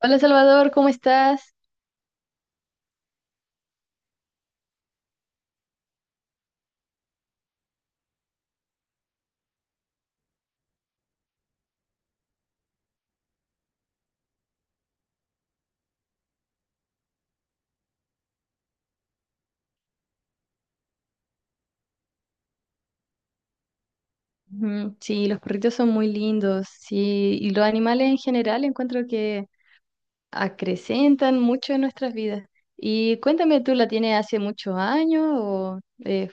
Hola Salvador, ¿cómo estás? Ujú, sí, los perritos son muy lindos, sí, y los animales en general encuentro que acrecentan mucho en nuestras vidas. Y cuéntame, ¿tú la tienes hace muchos años? O, eh,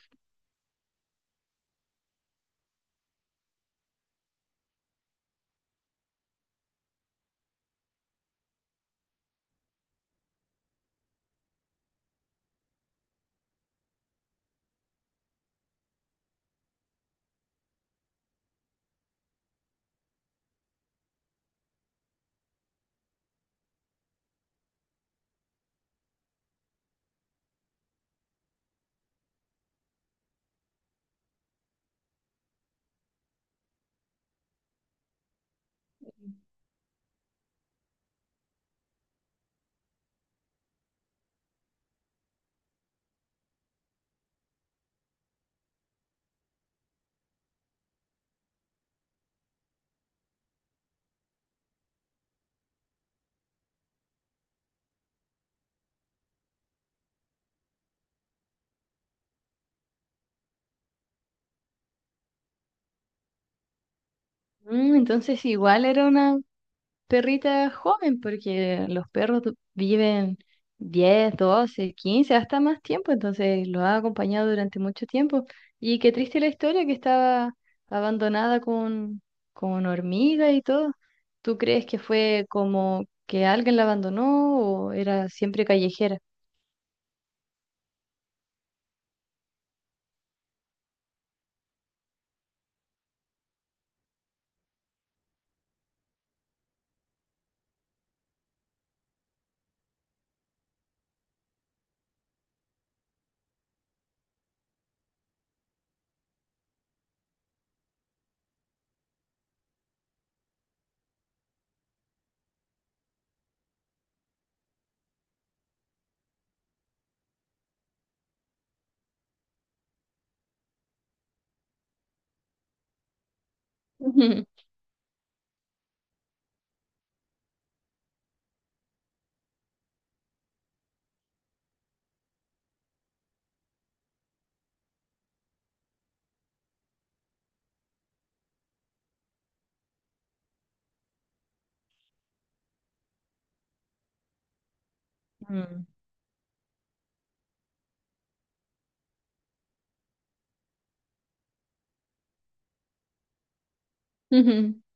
entonces igual era una perrita joven, porque los perros viven 10 12 15 hasta más tiempo, entonces lo ha acompañado durante mucho tiempo. Y qué triste la historia que estaba abandonada con hormigas y todo. ¿Tú crees que fue como que alguien la abandonó o era siempre callejera? Mm.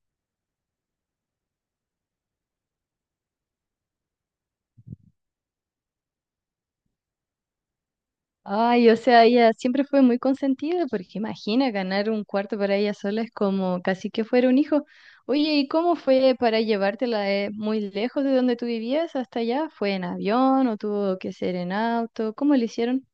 Ay, o sea, ella siempre fue muy consentida, porque imagina ganar un cuarto para ella sola es como casi que fuera un hijo. Oye, ¿y cómo fue para llevártela muy lejos de donde tú vivías hasta allá? ¿Fue en avión o tuvo que ser en auto? ¿Cómo lo hicieron?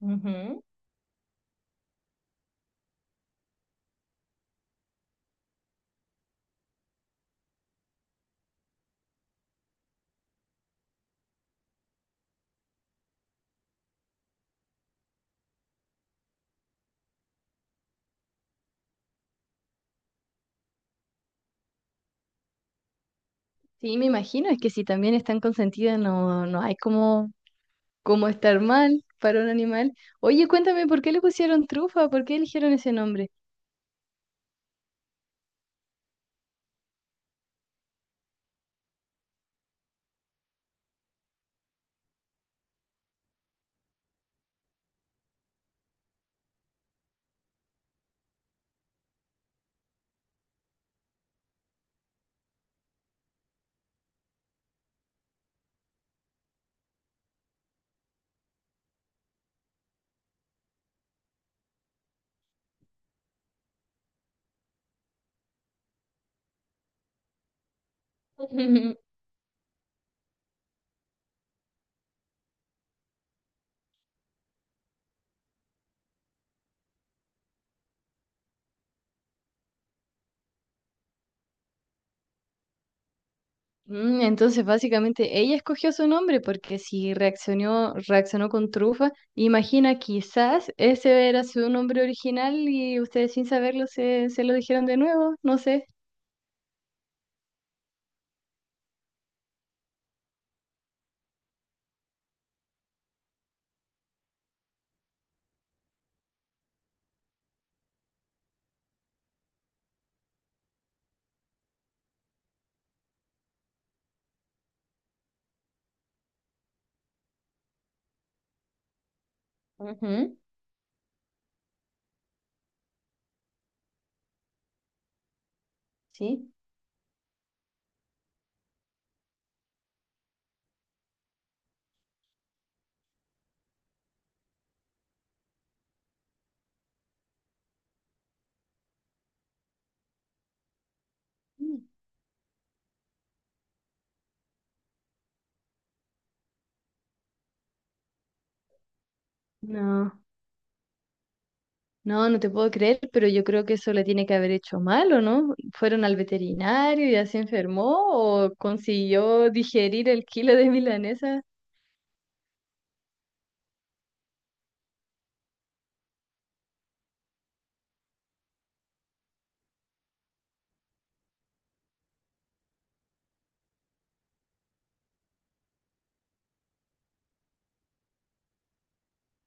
Ujú. Sí, me imagino, es que si también están consentidas no, no hay como estar mal para un animal. Oye, cuéntame, ¿por qué le pusieron trufa? ¿Por qué eligieron ese nombre? Mm, entonces, básicamente, ella escogió su nombre porque si reaccionó, reaccionó con trufa, imagina, quizás ese era su nombre original y ustedes sin saberlo se lo dijeron de nuevo, no sé. Ujú, sí. Mm. No, no, no te puedo creer, pero yo creo que eso le tiene que haber hecho mal, ¿o no? ¿Fueron al veterinario y ya se enfermó o consiguió digerir el kilo de milanesa?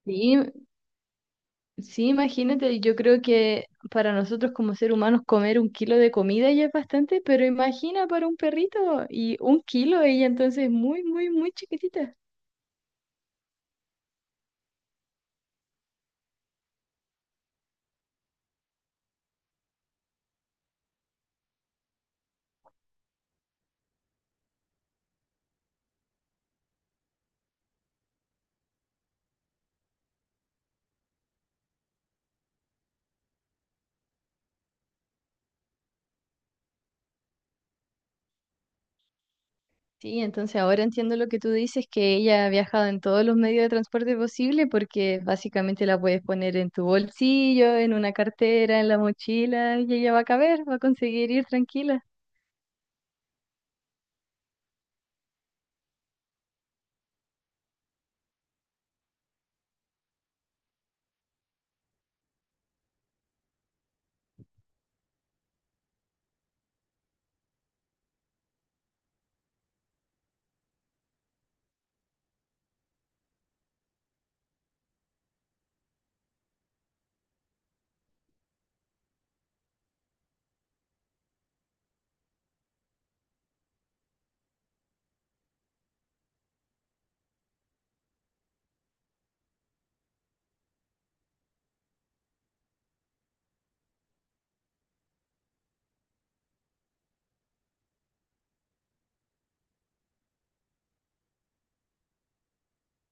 Sí, sí, imagínate, yo creo que para nosotros como seres humanos comer un kilo de comida ya es bastante, pero imagina para un perrito y un kilo ella entonces es muy, muy, muy chiquitita. Sí, entonces ahora entiendo lo que tú dices, que ella ha viajado en todos los medios de transporte posible porque básicamente la puedes poner en tu bolsillo, en una cartera, en la mochila y ella va a caber, va a conseguir ir tranquila.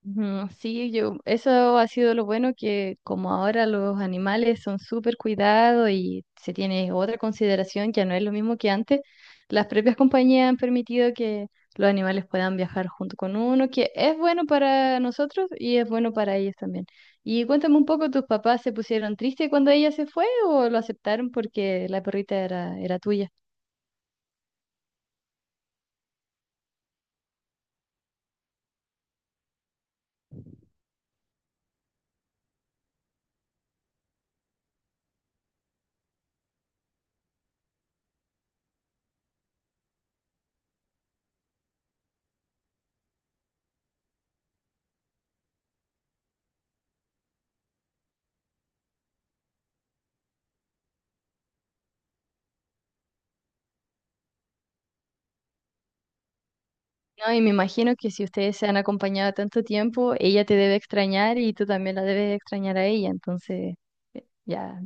Ujú, sí, yo, eso ha sido lo bueno que como ahora los animales son súper cuidados y se tiene otra consideración, ya no es lo mismo que antes, las propias compañías han permitido que los animales puedan viajar junto con uno, que es bueno para nosotros y es bueno para ellos también. Y cuéntame un poco, ¿tus papás se pusieron tristes cuando ella se fue o lo aceptaron porque la perrita era tuya? No, y me imagino que si ustedes se han acompañado tanto tiempo, ella te debe extrañar y tú también la debes extrañar a ella. Entonces, eh, ya,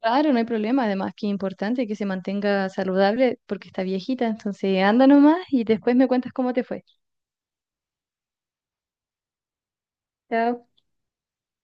claro, no hay problema. Además, que es importante que se mantenga saludable porque está viejita. Entonces, anda nomás y después me cuentas cómo te fue. Chao.